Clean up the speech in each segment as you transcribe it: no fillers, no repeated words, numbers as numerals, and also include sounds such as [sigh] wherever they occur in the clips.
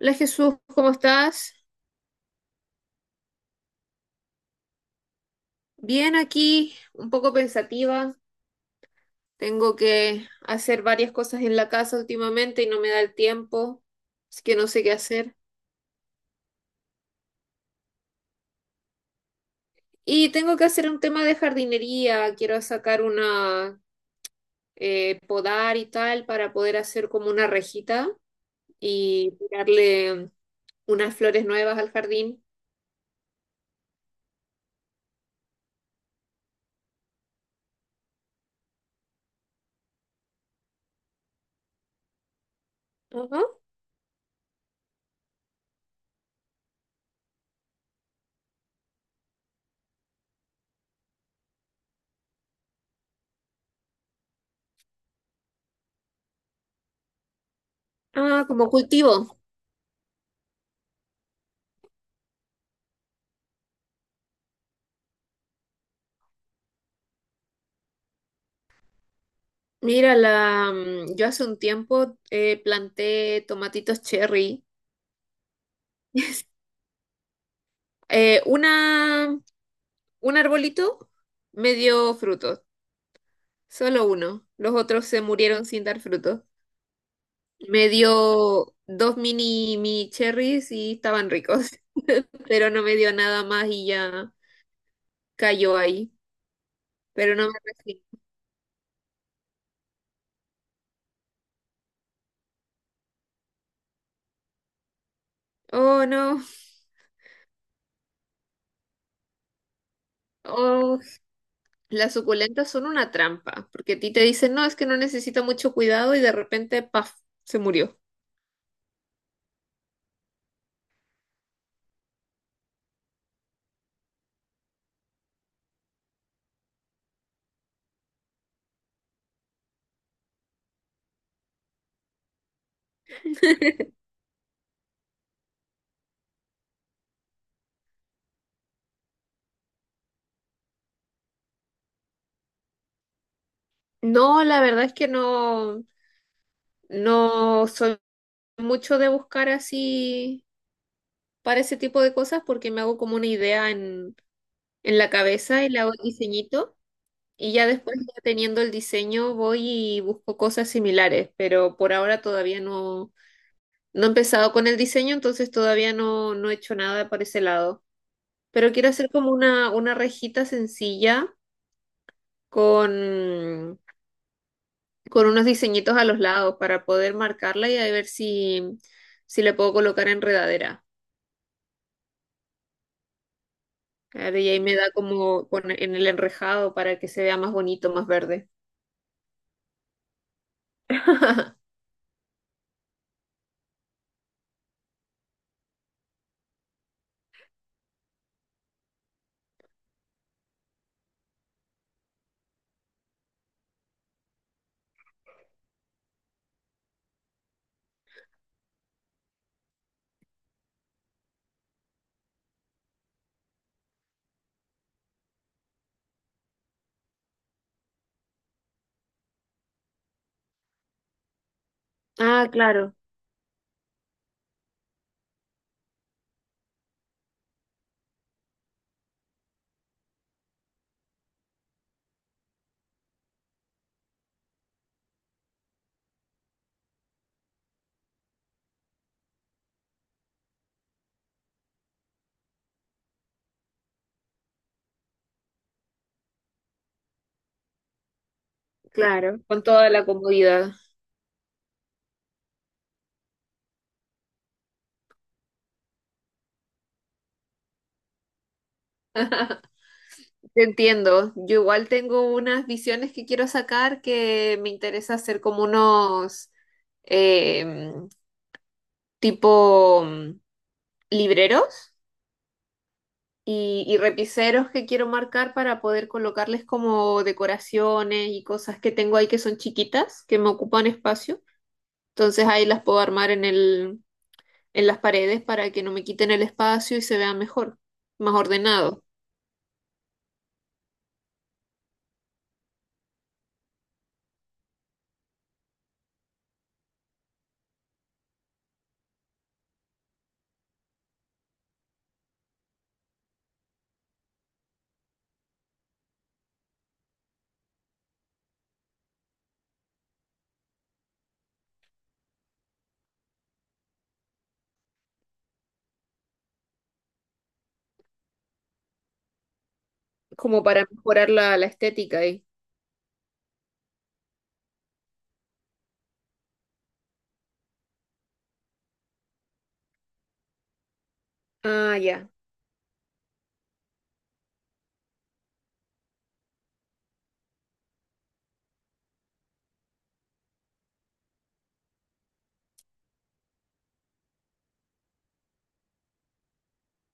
Hola Jesús, ¿cómo estás? Bien aquí, un poco pensativa. Tengo que hacer varias cosas en la casa últimamente y no me da el tiempo, así que no sé qué hacer. Y tengo que hacer un tema de jardinería, quiero sacar una podar y tal para poder hacer como una rejita y tirarle unas flores nuevas al jardín. Ajá. Ah, como cultivo. Mira, yo hace un tiempo planté tomatitos cherry. [laughs] Eh, una, un arbolito me dio frutos, solo uno. Los otros se murieron sin dar frutos. Me dio dos mini cherries y estaban ricos, [laughs] pero no me dio nada más y ya cayó ahí. Pero no me recibí. Oh, no. Oh, las suculentas son una trampa, porque a ti te dicen, no, es que no necesita mucho cuidado y de repente, paf, se murió. No, la verdad es que no, no soy mucho de buscar así para ese tipo de cosas porque me hago como una idea en la cabeza y le hago el diseñito y ya después ya teniendo el diseño voy y busco cosas similares, pero por ahora todavía no, no he empezado con el diseño, entonces todavía no, no he hecho nada por ese lado. Pero quiero hacer como una rejita sencilla con, con unos diseñitos a los lados para poder marcarla y a ver si, si le puedo colocar enredadera. Claro, y ahí me da como en el enrejado para que se vea más bonito, más verde. [laughs] Ah, claro, claro, con toda la comodidad. Te entiendo. Yo igual tengo unas visiones que quiero sacar que me interesa hacer como unos eh, tipo mm, libreros y repiseros que quiero marcar para poder colocarles como decoraciones y cosas que tengo ahí que son chiquitas, que me ocupan espacio. Entonces ahí las puedo armar en en las paredes para que no me quiten el espacio y se vea mejor, más ordenado, como para mejorar la estética ahí. Ah, ya.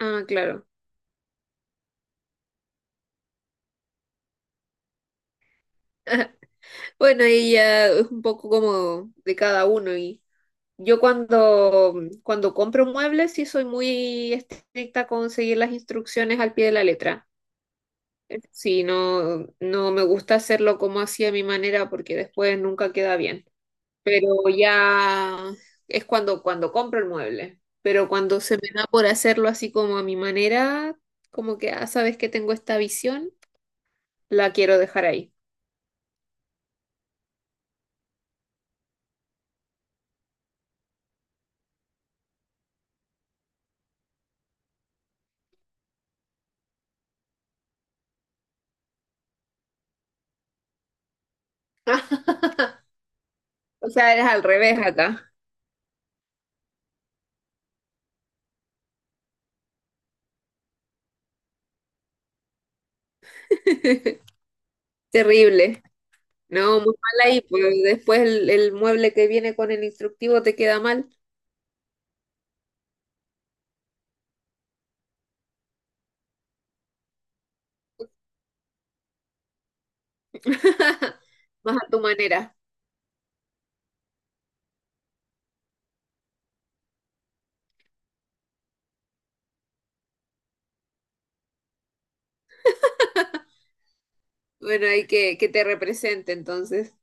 Ah, claro. Bueno, ahí ya es un poco como de cada uno y yo cuando compro muebles sí soy muy estricta con seguir las instrucciones al pie de la letra. Sí, no, no me gusta hacerlo como así a mi manera porque después nunca queda bien. Pero ya es cuando compro el mueble. Pero cuando se me da por hacerlo así como a mi manera, como que, ah, sabes que tengo esta visión, la quiero dejar ahí. [laughs] O sea, es al revés acá. Terrible. No, muy mal ahí, pues después el mueble que viene con el instructivo te queda mal. [laughs] Más a tu manera. Bueno, hay que te represente entonces.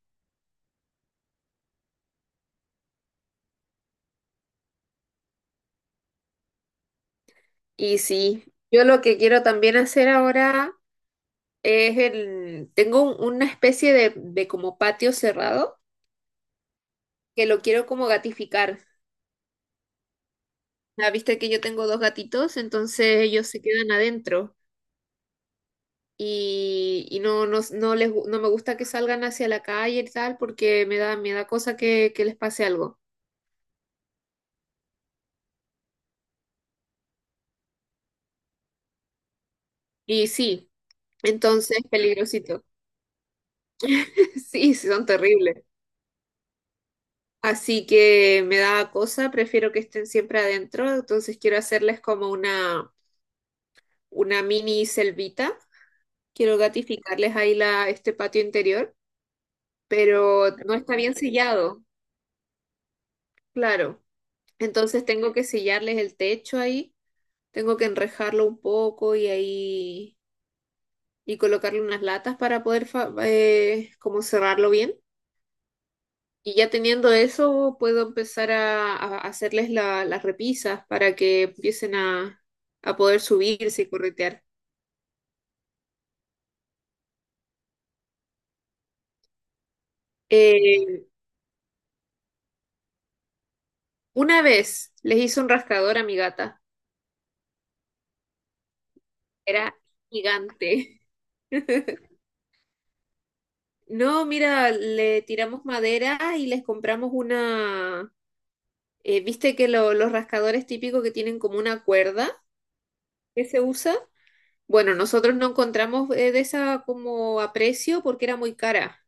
Y sí, yo lo que quiero también hacer ahora es una especie de como patio cerrado que lo quiero como gatificar. Ya viste que yo tengo dos gatitos, entonces ellos se quedan adentro y no, no, no me gusta que salgan hacia la calle y tal porque me da cosa que les pase algo. Y sí, entonces peligrosito. [laughs] Sí, sí, son terribles. Así que me da cosa, prefiero que estén siempre adentro, entonces quiero hacerles como una mini selvita. Quiero gatificarles ahí este patio interior, pero no está bien sellado, claro. Entonces tengo que sellarles el techo ahí, tengo que enrejarlo un poco y ahí y colocarle unas latas para poder como cerrarlo bien. Y ya teniendo eso, puedo empezar a hacerles las repisas para que empiecen a poder subirse y corretear. Eh, una vez les hice un rascador a mi gata, era gigante. [laughs] No, mira, le tiramos madera y les compramos una... ¿viste que los rascadores típicos que tienen como una cuerda que se usa? Bueno, nosotros no encontramos de esa como a precio porque era muy cara.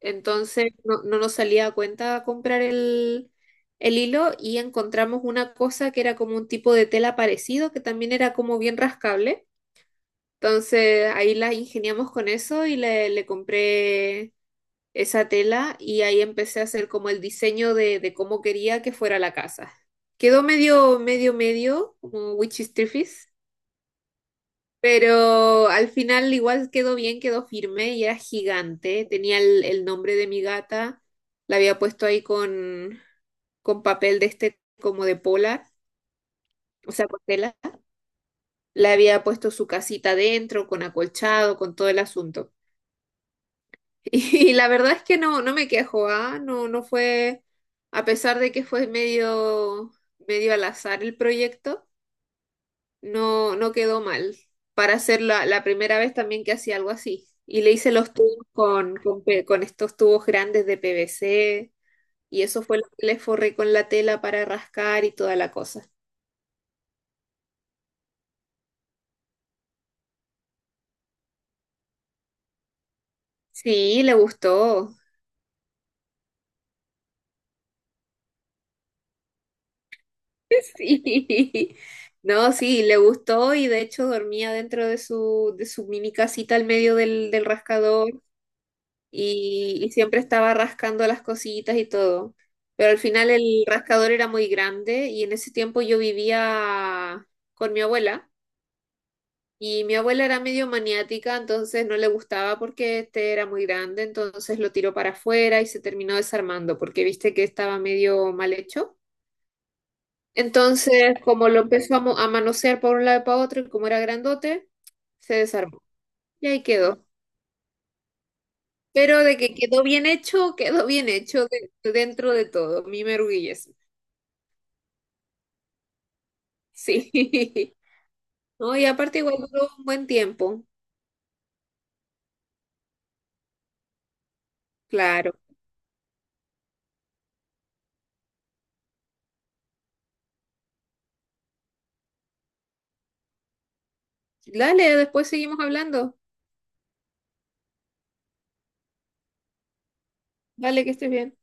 Entonces no, no nos salía a cuenta comprar el hilo y encontramos una cosa que era como un tipo de tela parecido que también era como bien rascable. Entonces ahí la ingeniamos con eso y le compré esa tela y ahí empecé a hacer como el diseño de cómo quería que fuera la casa. Quedó medio, como witchy striptease, pero al final igual quedó bien, quedó firme y era gigante. Tenía el nombre de mi gata, la había puesto ahí con papel de este como de polar, o sea, con tela. Le había puesto su casita dentro, con acolchado, con todo el asunto. Y la verdad es que no, no me quejo, ¿ah? No, no fue, a pesar de que fue medio al azar el proyecto, no, no quedó mal. Para hacer la primera vez también que hacía algo así. Y le hice los tubos con estos tubos grandes de PVC, y eso fue lo que le forré con la tela para rascar y toda la cosa. Sí, le gustó. [laughs] Sí. No, sí, le gustó y de hecho dormía dentro de de su mini casita al medio del rascador y siempre estaba rascando las cositas y todo. Pero al final el rascador era muy grande y en ese tiempo yo vivía con mi abuela y mi abuela era medio maniática, entonces no le gustaba porque este era muy grande, entonces lo tiró para afuera y se terminó desarmando porque viste que estaba medio mal hecho. Entonces, como lo empezamos a a manosear por un lado y para otro, y como era grandote, se desarmó. Y ahí quedó. Pero de que quedó bien hecho dentro de todo. Mi merguillez. Sí. [laughs] No, y aparte igual duró un buen tiempo. Claro. Dale, después seguimos hablando. Dale, que estés bien.